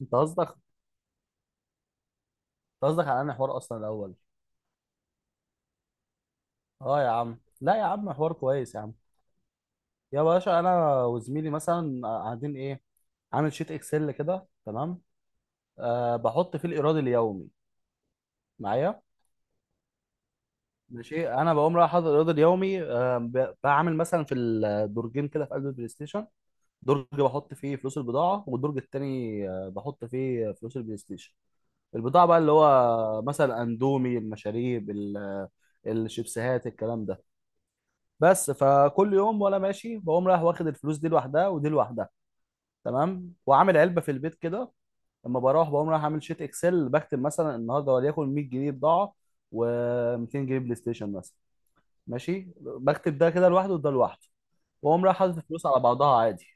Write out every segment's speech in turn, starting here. انت قصدك، انت قصدك على انا حوار اصلا الاول. اه يا عم، لا يا عم، حوار كويس يا عم. يا باشا انا وزميلي مثلا قاعدين ايه، عامل شيت اكسل كده. تمام. أه بحط فيه الايراد اليومي معايا. ماشي، انا بقوم رايح حاطط الايراد اليومي. بعمل مثلا في الدرجين كده في قلب البلاي ستيشن، درج بحط فيه فلوس البضاعه، والدرج التاني بحط فيه فلوس البلاي ستيشن. البضاعه بقى اللي هو مثلا اندومي، المشاريب، الشيبسيهات، الكلام ده. بس فكل يوم وانا ماشي بقوم رايح واخد الفلوس دي لوحدها ودي لوحدها. تمام، وعامل علبه في البيت كده. لما بروح بقوم رايح اعمل شيت اكسل، بكتب مثلا النهارده وليكن 100 جنيه بضاعه و200 جنيه بلاي ستيشن مثلا. ماشي، بكتب ده كده لوحده وده لوحده، واقوم رايح حاطط الفلوس على بعضها عادي.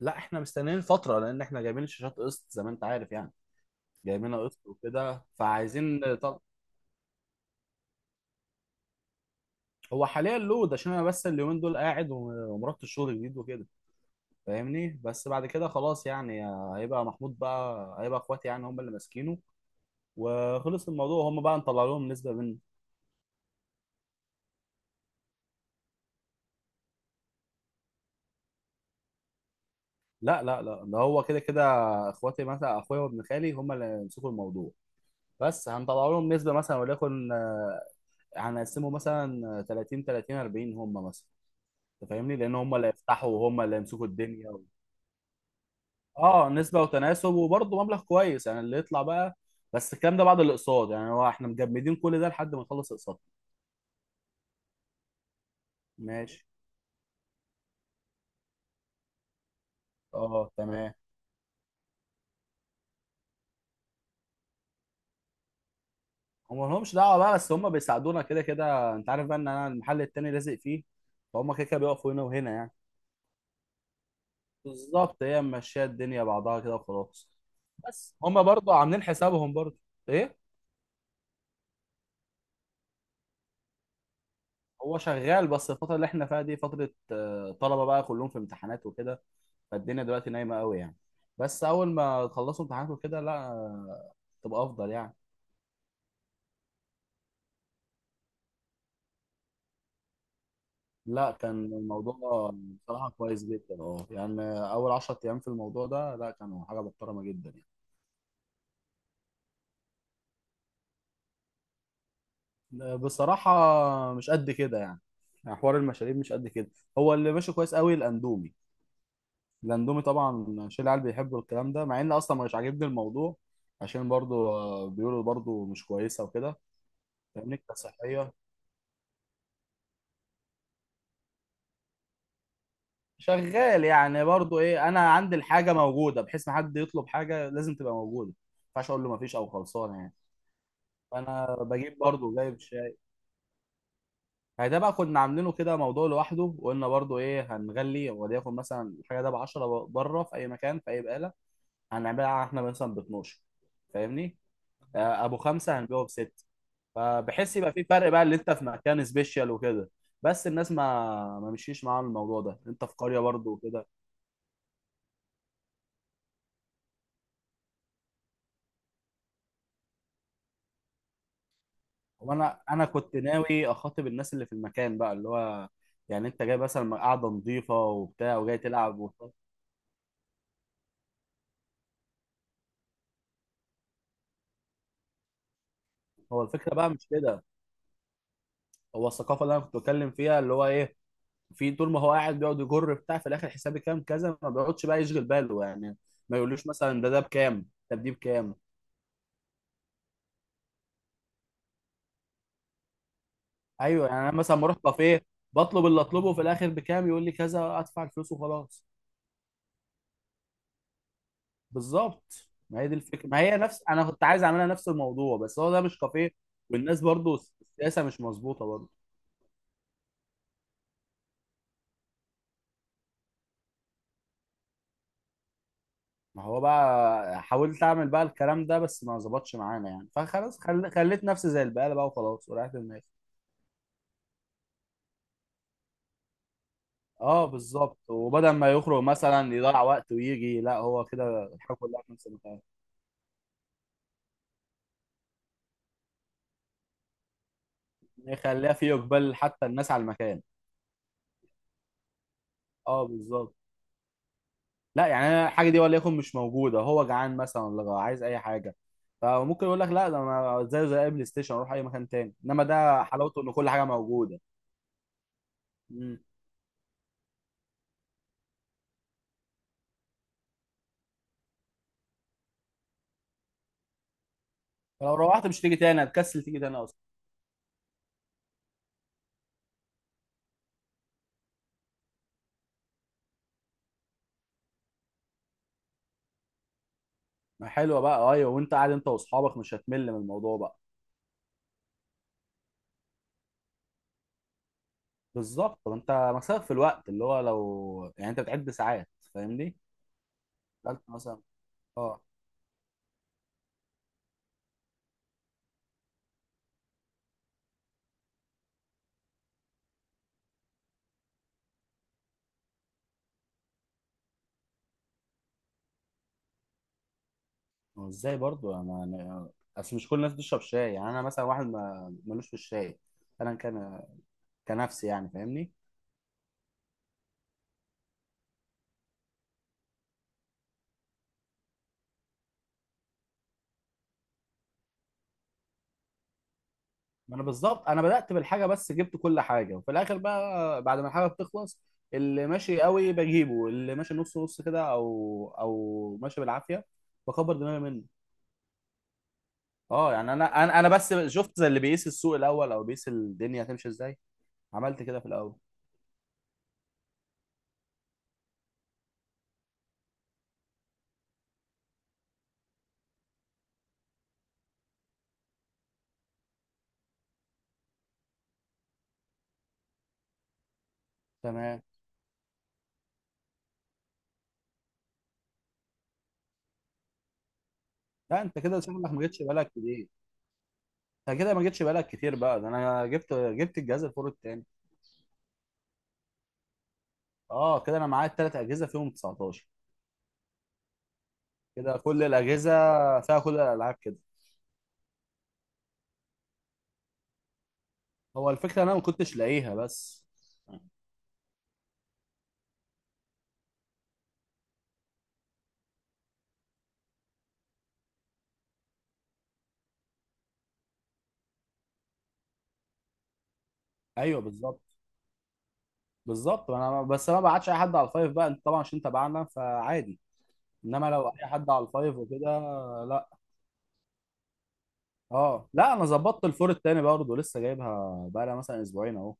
لا، احنا مستنيين فتره لان احنا جايبين الشاشات قسط، زي ما انت عارف يعني. جايبينها قسط وكده فعايزين. طب هو حاليا لود عشان انا بس اليومين دول قاعد، ومرات الشغل جديد وكده، فاهمني. بس بعد كده خلاص يعني، هيبقى محمود بقى، هيبقى اخواتي يعني هم اللي ماسكينه، وخلص الموضوع. هم بقى نطلع لهم نسبة منه. لا لا لا، ده هو كده كده. اخواتي مثلا، اخويا وابن خالي، هم اللي يمسكوا الموضوع، بس هنطلع لهم نسبة مثلا، وليكن هنقسمه مثلا 30 30 40 هم مثلا. انت فاهمني، لان هم اللي يفتحوا وهم اللي يمسكوا الدنيا و... اه، نسبة وتناسب، وبرضه مبلغ كويس يعني اللي يطلع بقى. بس الكلام ده بعد الاقساط يعني، هو احنا مجمدين كل ده لحد ما نخلص اقساط. ماشي. اه تمام. هم لهمش دعوه بقى، بس هم بيساعدونا كده كده، انت عارف بقى ان انا المحل التاني لازق فيه، فهم كده كده بيقفوا هنا وهنا يعني. بالظبط، هي ماشيه الدنيا بعضها كده وخلاص. بس هم برضو عاملين حسابهم برضو. ايه. هو شغال، بس الفتره اللي احنا فيها دي فتره طلبه بقى كلهم في امتحانات وكده، فالدنيا دلوقتي نايمه قوي يعني. بس اول ما تخلصوا امتحانات وكده، لا تبقى افضل يعني. لا، كان الموضوع بصراحه كويس جدا اه يعني. اول 10 ايام في الموضوع ده لا، كانوا حاجه محترمه جدا يعني. بصراحة مش قد كده يعني، يعني حوار المشاريب مش قد كده. هو اللي ماشي كويس قوي الاندومي. الاندومي طبعا، شيل العيال بيحبوا الكلام ده، مع ان اصلا مش عاجبني الموضوع عشان برضو بيقولوا برضو مش كويسة وكده، فاهمني، كصحية. شغال يعني برضو. ايه، انا عندي الحاجة موجودة بحيث ما حد يطلب حاجة لازم تبقى موجودة، ما ينفعش اقول له ما فيش او خلصانة يعني. فانا بجيب برضو، جايب يعني. ده بقى كنا عاملينه كده موضوع لوحده، وقلنا برضو ايه، هنغلي، وليكن مثلا الحاجه ده ب 10 بره في اي مكان في اي بقاله، هنعملها احنا مثلا ب 12، فاهمني. ابو خمسه هنبيعه بست. فبحس يبقى في فرق بقى اللي انت في مكان سبيشال وكده. بس الناس ما مشيش معاهم الموضوع ده، انت في قريه برضو وكده. وانا كنت ناوي اخاطب الناس اللي في المكان بقى، اللي هو يعني انت جاي مثلا قاعده نظيفه وبتاع وجاي تلعب وبتاع. هو الفكره بقى مش كده. هو الثقافه اللي انا كنت بتكلم فيها اللي هو ايه، في طول ما هو قاعد بيقعد يجر بتاع، في الاخر حسابي كام كذا، ما بيقعدش بقى يشغل باله يعني. ما يقولوش مثلا ده بكام، طب دي بكام. ايوه يعني انا مثلا بروح كافيه، بطلب اللي اطلبه، في الاخر بكام، يقول لي كذا، ادفع الفلوس وخلاص. بالظبط، ما هي دي الفكره، ما هي نفس، انا كنت عايز اعملها نفس الموضوع، بس هو ده مش كافيه. والناس برضو السياسه مش مظبوطه برضو. ما هو بقى حاولت اعمل بقى الكلام ده، بس ما ظبطش معانا يعني، فخلاص، خليت نفسي زي البقاله بقى، وخلاص وريحت دماغي. اه بالظبط، وبدل ما يخرج مثلا يضيع وقت ويجي، لا هو كده الحاجه كلها في نفس المكان، يخليها في اقبال حتى الناس على المكان. اه بالظبط. لا يعني، انا الحاجه دي وليكن مش موجوده، هو جعان مثلا ولا عايز اي حاجه، فممكن يقول لك لا، ده انا زيه زي اي بلاي ستيشن، اروح اي مكان تاني. انما ده حلاوته ان كل حاجه موجوده. مم. فلو روحت مش تيجي تاني، هتكسل تيجي تاني اصلا. ما حلوه بقى، ايوه، وانت قاعد انت واصحابك مش هتمل من الموضوع بقى. بالظبط، طب انت مكسبك في الوقت، اللي هو لو يعني انت بتعد ساعات، فاهمني، تالتة مثلا. اه. هو ازاي برضو انا يعني، اصل مش كل الناس بتشرب شاي يعني. انا مثلا واحد ما ملوش في الشاي. انا كان كنفسي يعني، فاهمني. ما انا بالظبط، انا بدأت بالحاجة، بس جبت كل حاجة، وفي الاخر بقى بعد ما الحاجة بتخلص، اللي ماشي قوي بجيبه، اللي ماشي نص نص كده او او ماشي بالعافية، بكبر دماغي منه. اه يعني انا بس شفت زي اللي بيقيس السوق الاول، او بيقيس الدنيا هتمشي ازاي، عملت كده في الاول. تمام. لا انت كده شكلك ما جتش بالك كتير. انت كده ما جيتش بالك كتير بقى، ده انا جبت الجهاز الفور التاني. اه كده، انا معايا التلات اجهزه فيهم 19 كده، كل الاجهزه فيها كل الالعاب كده. هو الفكره انا ما كنتش لاقيها بس. ايوه بالظبط. بالظبط انا بس، انا ما بعتش اي حد على الفايف بقى، انت طبعا عشان تبعنا فعادي. انما لو اي حد على الفايف وكده، لا. اه لا، انا ظبطت الفور التاني برضه، لسه جايبها بقى لها مثلا 2 اسبوع اهو.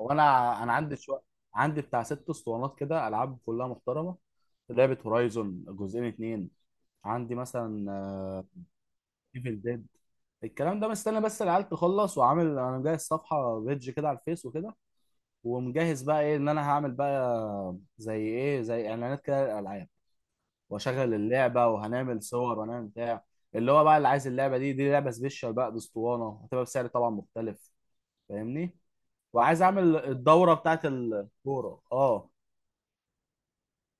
هو انا عندي شويه، عندي بتاع 6 اسطوانات كده العاب كلها محترمه. لعبه هورايزون جزئين 2. عندي مثلا ايفل ديد. الكلام ده مستني بس العيال تخلص، وعامل انا مجهز صفحه بيدج كده على الفيس وكده، ومجهز بقى ايه، ان انا هعمل بقى زي ايه، زي اعلانات كده للالعاب. واشغل اللعبه وهنعمل صور وهنعمل بتاع. اللي هو بقى اللي عايز اللعبه دي، دي لعبه سبيشال بقى باسطوانه، هتبقى بسعر طبعا مختلف، فاهمني. وعايز اعمل الدوره بتاعت الكوره، اه،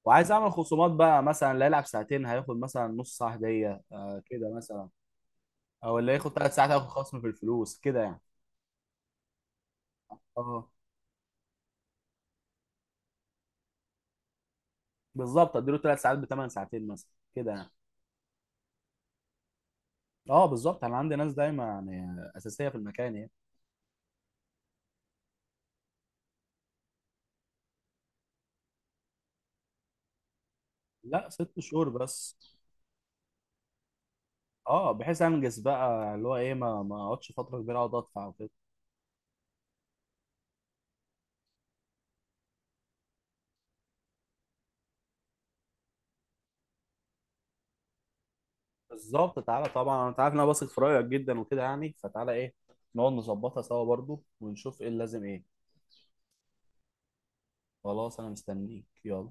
وعايز اعمل خصومات بقى، مثلا اللي هيلعب 2 ساعة هياخد مثلا نص ساعة هديه آه كده مثلا. او اللي هياخد 3 ساعات هياخد خصم في الفلوس كده يعني. اه بالظبط، اديله 3 ساعات ب 8 ساعتين مثلا كده يعني. اه بالظبط، انا عندي ناس دايما يعني اساسيه في المكان يعني. لا، 6 شهور بس. اه، بحيث انجز بقى اللي هو ايه، ما اقعدش فتره كبيره اقعد ادفع وكده. بالظبط، تعالى طبعا، انت عارف ان انا بثق في رايك جدا وكده يعني، فتعالى ايه، نقعد نظبطها سوا برضو، ونشوف ايه اللي لازم ايه. خلاص انا مستنيك، يلا.